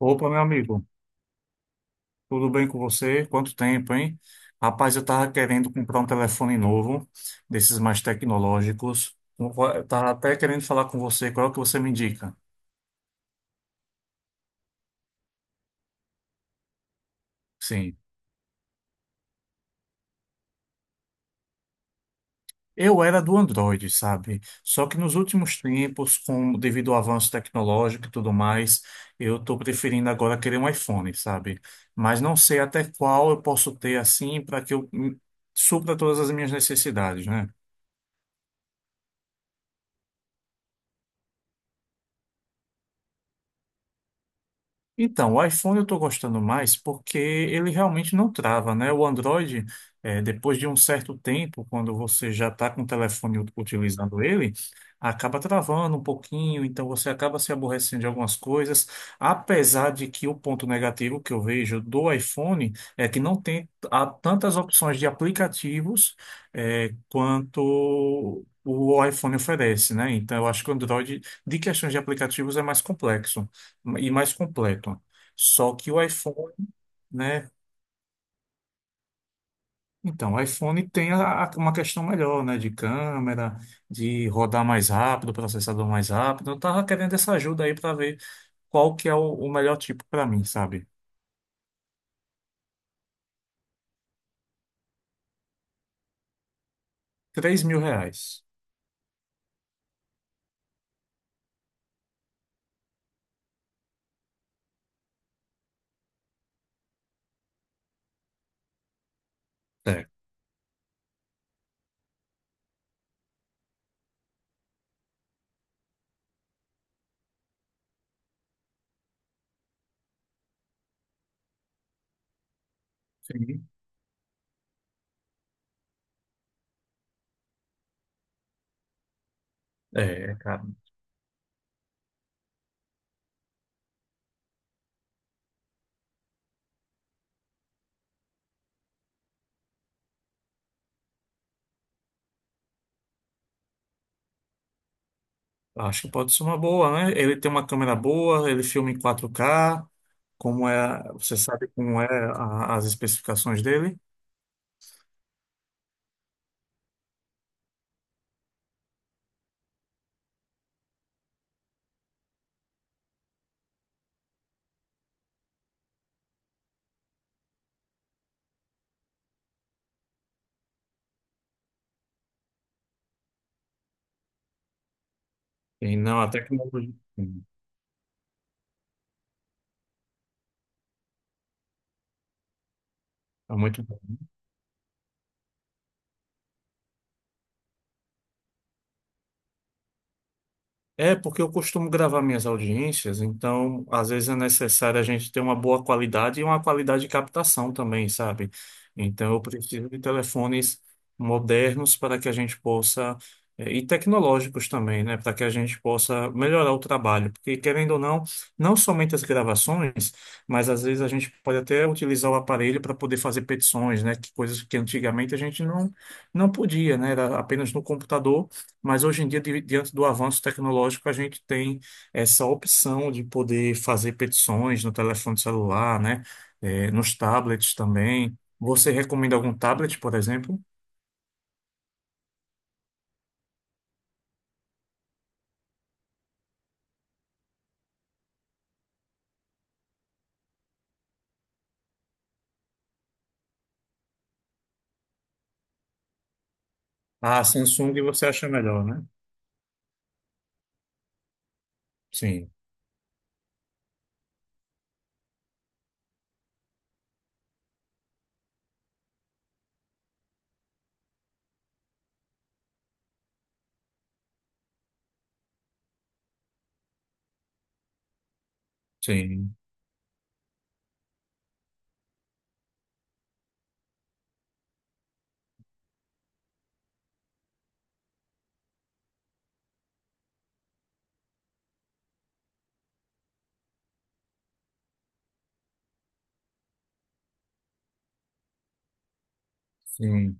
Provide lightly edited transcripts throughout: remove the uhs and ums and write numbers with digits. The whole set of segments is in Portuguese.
Opa, meu amigo, tudo bem com você? Quanto tempo, hein? Rapaz, eu tava querendo comprar um telefone novo, desses mais tecnológicos. Eu tava até querendo falar com você, qual é o que você me indica? Sim. Eu era do Android, sabe? Só que nos últimos tempos, com devido ao avanço tecnológico e tudo mais, eu estou preferindo agora querer um iPhone, sabe? Mas não sei até qual eu posso ter assim para que eu supra todas as minhas necessidades, né? Então, o iPhone eu estou gostando mais porque ele realmente não trava, né? O Android, depois de um certo tempo, quando você já está com o telefone utilizando ele, acaba travando um pouquinho, então você acaba se aborrecendo de algumas coisas, apesar de que o ponto negativo que eu vejo do iPhone é que não tem tantas opções de aplicativos, quanto o iPhone oferece, né? Então, eu acho que o Android, de questões de aplicativos, é mais complexo e mais completo. Só que o iPhone, né? Então, o iPhone tem uma questão melhor, né? De câmera, de rodar mais rápido, processador mais rápido. Eu tava querendo essa ajuda aí para ver qual que é o melhor tipo para mim, sabe? R$ 3.000. É. Sim. É, cara. Acho que pode ser uma boa, né? Ele tem uma câmera boa, ele filma em 4K. Como é, você sabe como é as especificações dele? E não, a tecnologia. Sim. É muito. É, porque eu costumo gravar minhas audiências, então às vezes é necessário a gente ter uma boa qualidade e uma qualidade de captação também, sabe? Então eu preciso de telefones modernos para que a gente possa, e tecnológicos também, né? Para que a gente possa melhorar o trabalho. Porque, querendo ou não, não somente as gravações, mas às vezes a gente pode até utilizar o aparelho para poder fazer petições, né? Que coisas que antigamente a gente não, não podia, né? Era apenas no computador. Mas hoje em dia, diante do avanço tecnológico, a gente tem essa opção de poder fazer petições no telefone celular, né? Nos tablets também. Você recomenda algum tablet, por exemplo? A Samsung você acha melhor, né? Sim, sim, sim.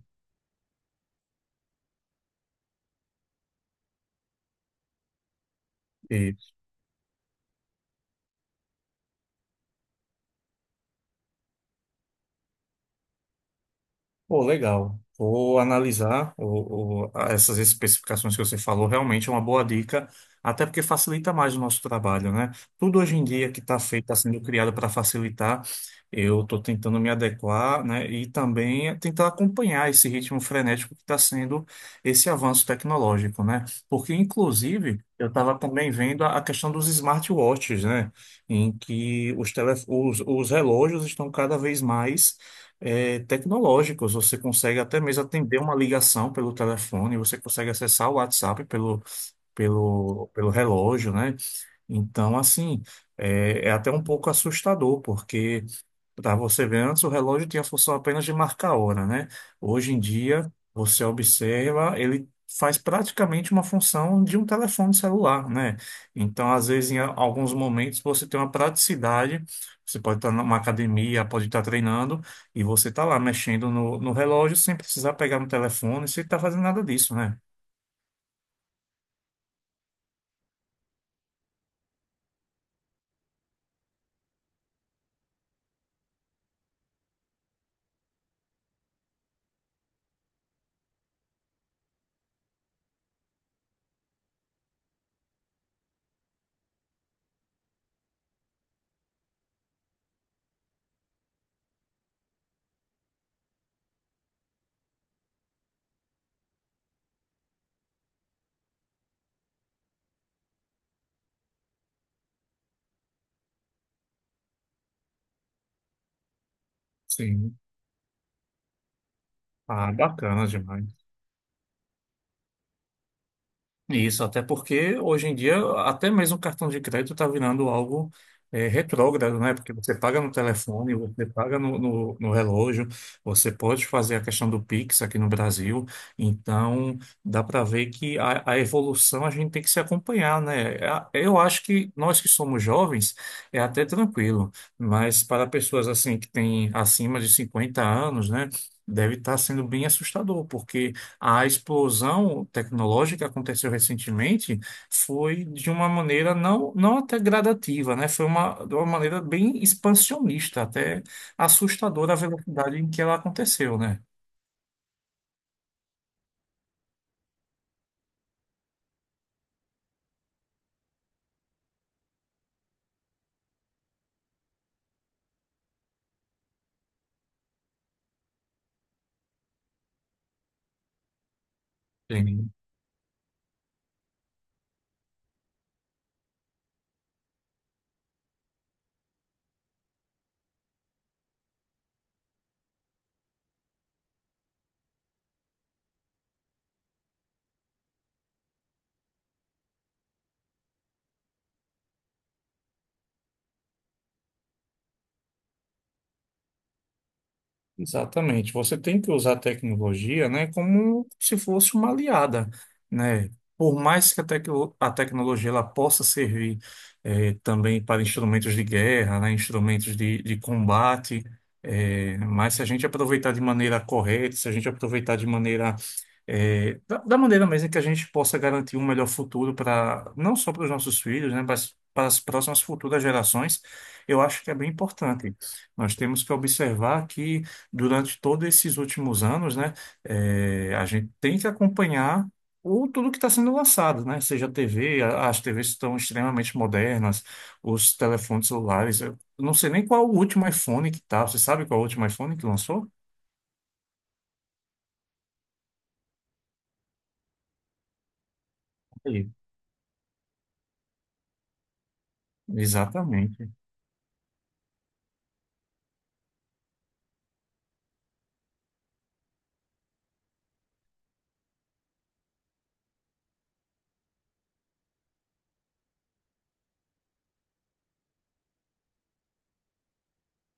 Pô, legal. Vou analisar essas especificações que você falou. Realmente é uma boa dica, até porque facilita mais o nosso trabalho, né? Tudo hoje em dia que está feito, está sendo criado para facilitar. Eu estou tentando me adequar, né? E também tentar acompanhar esse ritmo frenético que está sendo esse avanço tecnológico, né? Porque, inclusive, eu estava também vendo a questão dos smartwatches, né? Em que os relógios estão cada vez mais tecnológicos. Você consegue até mesmo atender uma ligação pelo telefone, você consegue acessar o WhatsApp pelo relógio, né? Então, assim, é até um pouco assustador, porque para você ver, antes o relógio tinha a função apenas de marcar a hora, né? Hoje em dia, você observa, ele faz praticamente uma função de um telefone celular, né? Então, às vezes, em alguns momentos, você tem uma praticidade. Você pode estar numa academia, pode estar treinando, e você está lá mexendo no relógio sem precisar pegar no telefone, sem estar fazendo nada disso, né? Sim. Ah, bacana demais. Isso, até porque hoje em dia, até mesmo o cartão de crédito está virando algo retrógrado, né? Porque você paga no telefone, você paga no relógio, você pode fazer a questão do Pix aqui no Brasil. Então, dá para ver que a evolução a gente tem que se acompanhar, né? Eu acho que nós que somos jovens é até tranquilo, mas para pessoas assim que têm acima de 50 anos, né? Deve estar sendo bem assustador. Porque. A explosão tecnológica que aconteceu recentemente foi de uma maneira não, não até gradativa, né? Foi de uma maneira bem expansionista, até assustadora a velocidade em que ela aconteceu, né? Sim. Exatamente. Você tem que usar a tecnologia, né, como se fosse uma aliada, né? Por mais que a tecnologia ela possa servir também para instrumentos de guerra, né, instrumentos de combate, mas se a gente aproveitar de maneira correta, se a gente aproveitar de maneira da maneira mesmo que a gente possa garantir um melhor futuro para não só para os nossos filhos, né, mas para as próximas futuras gerações, eu acho que é bem importante. Nós temos que observar que durante todos esses últimos anos, né, a gente tem que acompanhar tudo que está sendo lançado, né? Seja a TV, as TVs estão extremamente modernas, os telefones celulares. Eu não sei nem qual o último iPhone que tá. Você sabe qual é o último iPhone que lançou? Aí. Exatamente.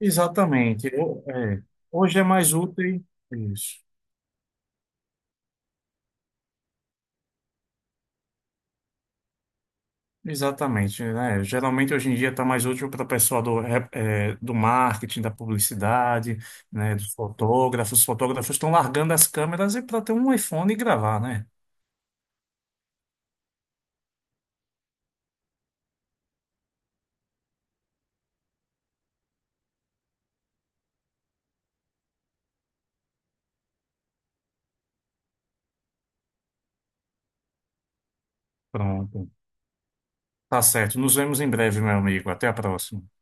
Exatamente. Hoje é mais útil isso. Exatamente, né? Geralmente hoje em dia está mais útil para o pessoal do marketing, da publicidade, né? Dos fotógrafos. Os fotógrafos estão largando as câmeras e para ter um iPhone e gravar, né? Pronto. Tá certo. Nos vemos em breve, meu amigo. Até a próxima.